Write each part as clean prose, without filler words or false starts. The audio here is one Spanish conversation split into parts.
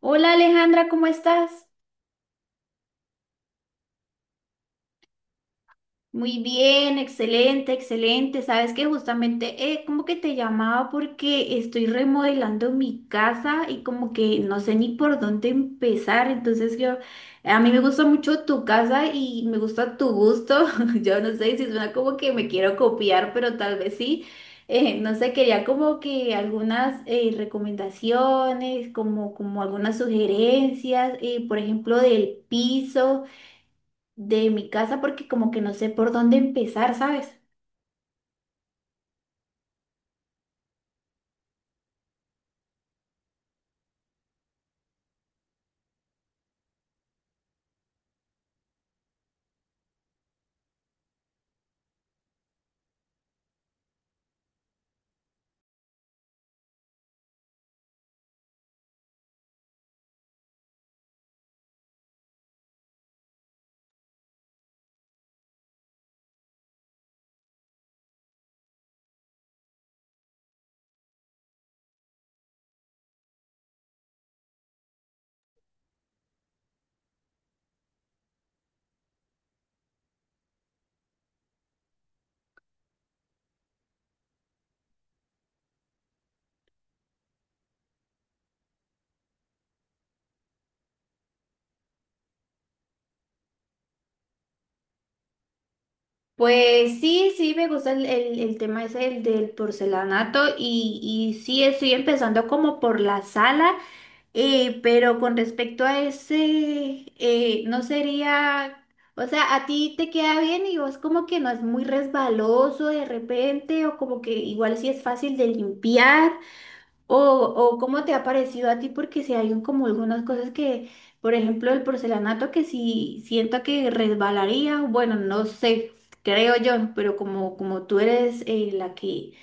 Hola Alejandra, ¿cómo estás? Muy bien, excelente, excelente. Sabes que justamente como que te llamaba porque estoy remodelando mi casa y como que no sé ni por dónde empezar. Entonces yo, a mí me gusta mucho tu casa y me gusta tu gusto. Yo no sé si suena como que me quiero copiar, pero tal vez sí. No sé, quería como que algunas recomendaciones, como algunas sugerencias, por ejemplo, del piso de mi casa porque como que no sé por dónde empezar, ¿sabes? Pues sí, sí, me gusta el tema ese, el del porcelanato, y sí, estoy empezando como por la sala, pero con respecto a ese, no sería, o sea, a ti te queda bien y vos como que no es muy resbaloso de repente, o como que igual sí es fácil de limpiar. O cómo te ha parecido a ti, porque si hay como algunas cosas que, por ejemplo, el porcelanato, que si siento que resbalaría, bueno, no sé, creo yo, pero como tú eres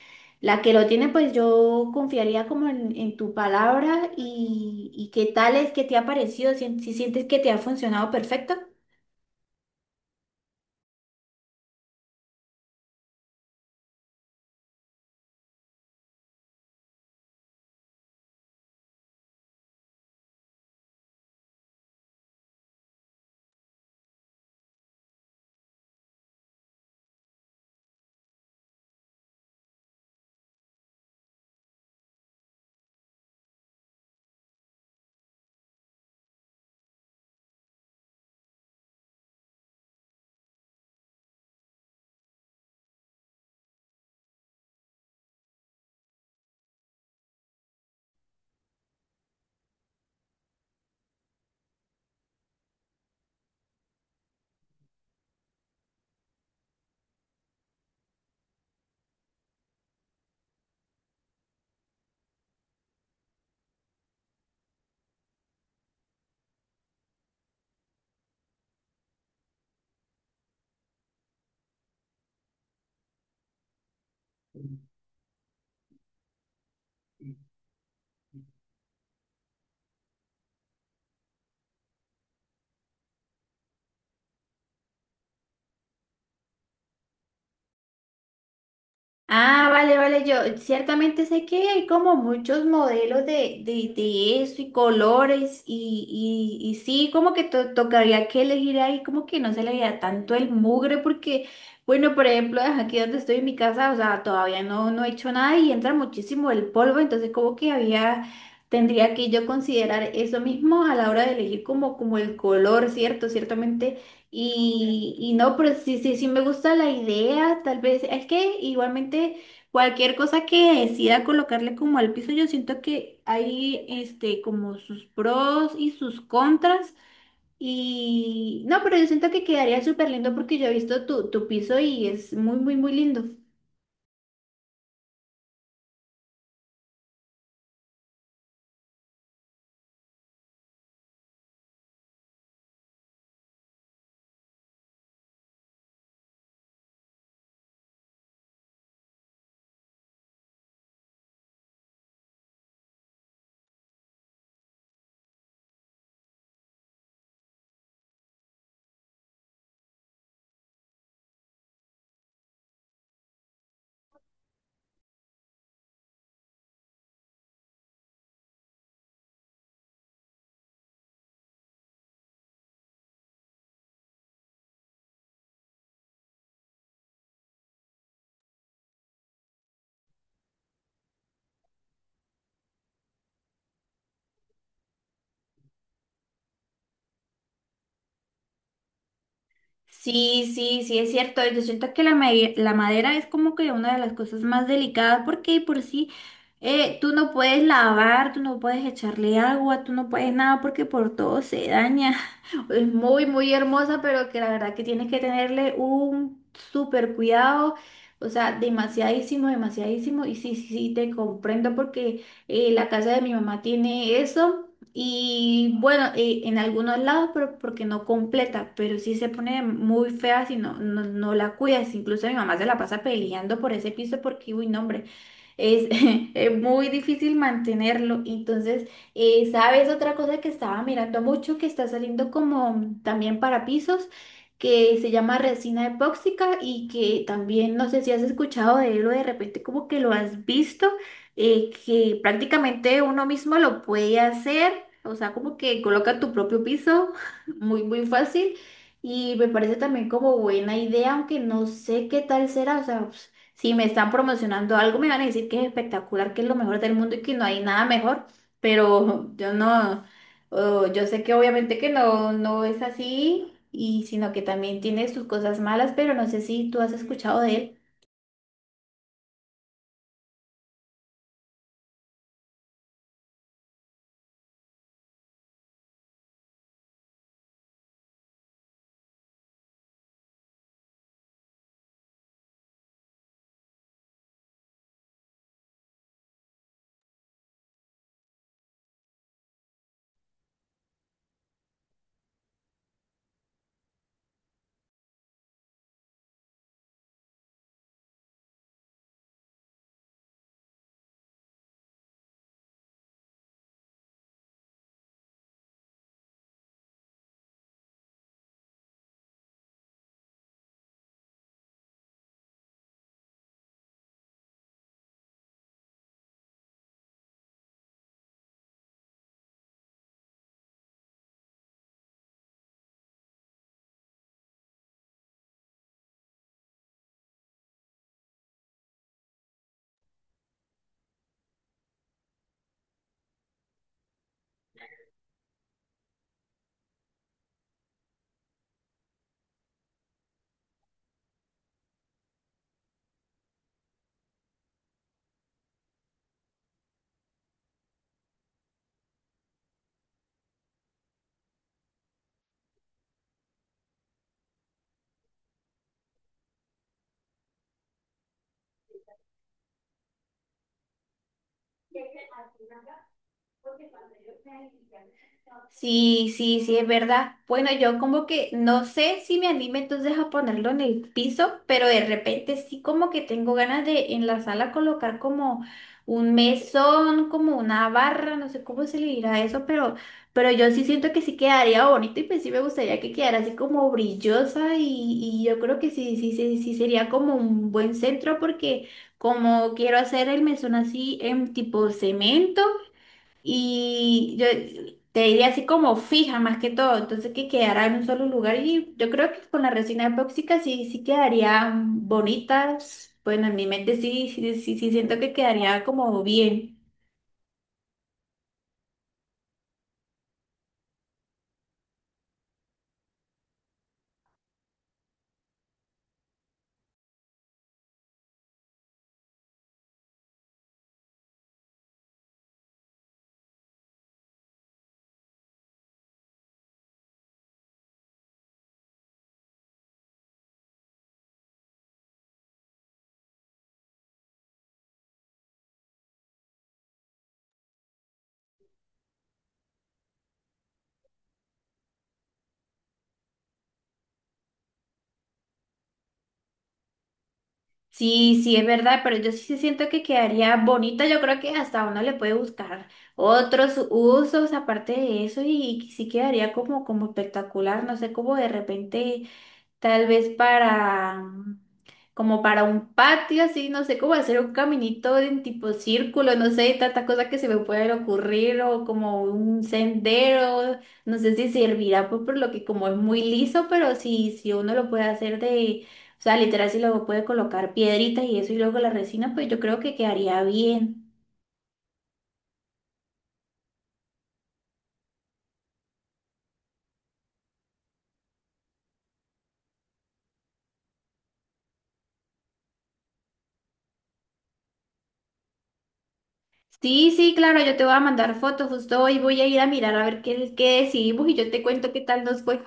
la que lo tiene, pues yo confiaría como en tu palabra y qué tal es que te ha parecido, si, si sientes que te ha funcionado perfecto. Ah, vale, vale, yo ciertamente sé que hay como muchos modelos de eso y colores, y sí, como que tocaría que elegir ahí, como que no se le veía tanto el mugre porque, bueno, por ejemplo, ajá, aquí donde estoy en mi casa, o sea, todavía no he hecho nada y entra muchísimo el polvo, entonces como que había, tendría que yo considerar eso mismo a la hora de elegir como el color, ¿cierto? Ciertamente. Y no, pero sí, sí, sí me gusta la idea, tal vez, es que igualmente cualquier cosa que decida colocarle como al piso, yo siento que hay este como sus pros y sus contras. Y no, pero yo siento que quedaría súper lindo porque yo he visto tu piso y es muy, muy, muy lindo. Sí, sí, sí, es cierto. Yo siento que la, la madera es como que una de las cosas más delicadas porque de por sí tú no puedes lavar, tú no puedes echarle agua, tú no puedes nada porque por todo se daña. Es muy, muy hermosa, pero que la verdad que tienes que tenerle un súper cuidado. O sea, demasiadísimo, demasiadísimo. Y sí, sí, sí, te comprendo porque la casa de mi mamá tiene eso. Y bueno, en algunos lados, pero porque no completa, pero sí se pone muy fea si no la cuidas. Incluso mi mamá se la pasa peleando por ese piso porque, uy, no, hombre, es, es muy difícil mantenerlo. Entonces, ¿sabes otra cosa que estaba mirando mucho que está saliendo como también para pisos? Que se llama resina epóxica y que también no sé si has escuchado de él, o de repente como que lo has visto, que prácticamente uno mismo lo puede hacer, o sea, como que coloca tu propio piso, muy, muy fácil, y me parece también como buena idea, aunque no sé qué tal será, o sea, pues, si me están promocionando algo, me van a decir que es espectacular, que es lo mejor del mundo y que no hay nada mejor, pero yo no, oh, yo sé que obviamente que no, no es así. Y sino que también tiene sus cosas malas, pero no sé si tú has escuchado de él. Sí, sí, sí, es verdad. Bueno, yo como que no sé si me anime entonces a ponerlo en el piso, pero de repente sí como que tengo ganas de en la sala colocar como un mesón, como una barra, no sé cómo se le dirá eso, pero yo sí siento que sí quedaría bonito y pues sí me gustaría que quedara así como brillosa, y yo creo que sí, sí, sí, sí sería como un buen centro porque como quiero hacer el mesón así en tipo cemento. Y yo te diría así como fija más que todo, entonces que quedara en un solo lugar y yo creo que con la resina epóxica sí, sí quedarían bonitas. Bueno, en mi mente sí, sí, sí, sí siento que quedaría como bien. Sí, sí es verdad, pero yo sí, sí siento que quedaría bonita. Yo creo que hasta uno le puede buscar otros usos aparte de eso y sí quedaría como, como espectacular. No sé, como de repente. Tal vez para, como para un patio, así, no sé, cómo hacer un caminito en tipo círculo, no sé, tanta cosa que se me puede ocurrir, o como un sendero, no sé si servirá, pues, por lo que como es muy liso, pero si uno lo puede hacer de, o sea, literal, si luego puede colocar piedritas y eso y luego la resina, pues yo creo que quedaría bien. Sí, sí, claro, yo te voy a mandar fotos, justo hoy voy a ir a mirar a ver qué decidimos y yo te cuento qué tal nos fue.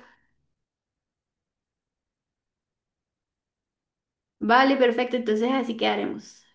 Vale, perfecto, entonces así quedaremos.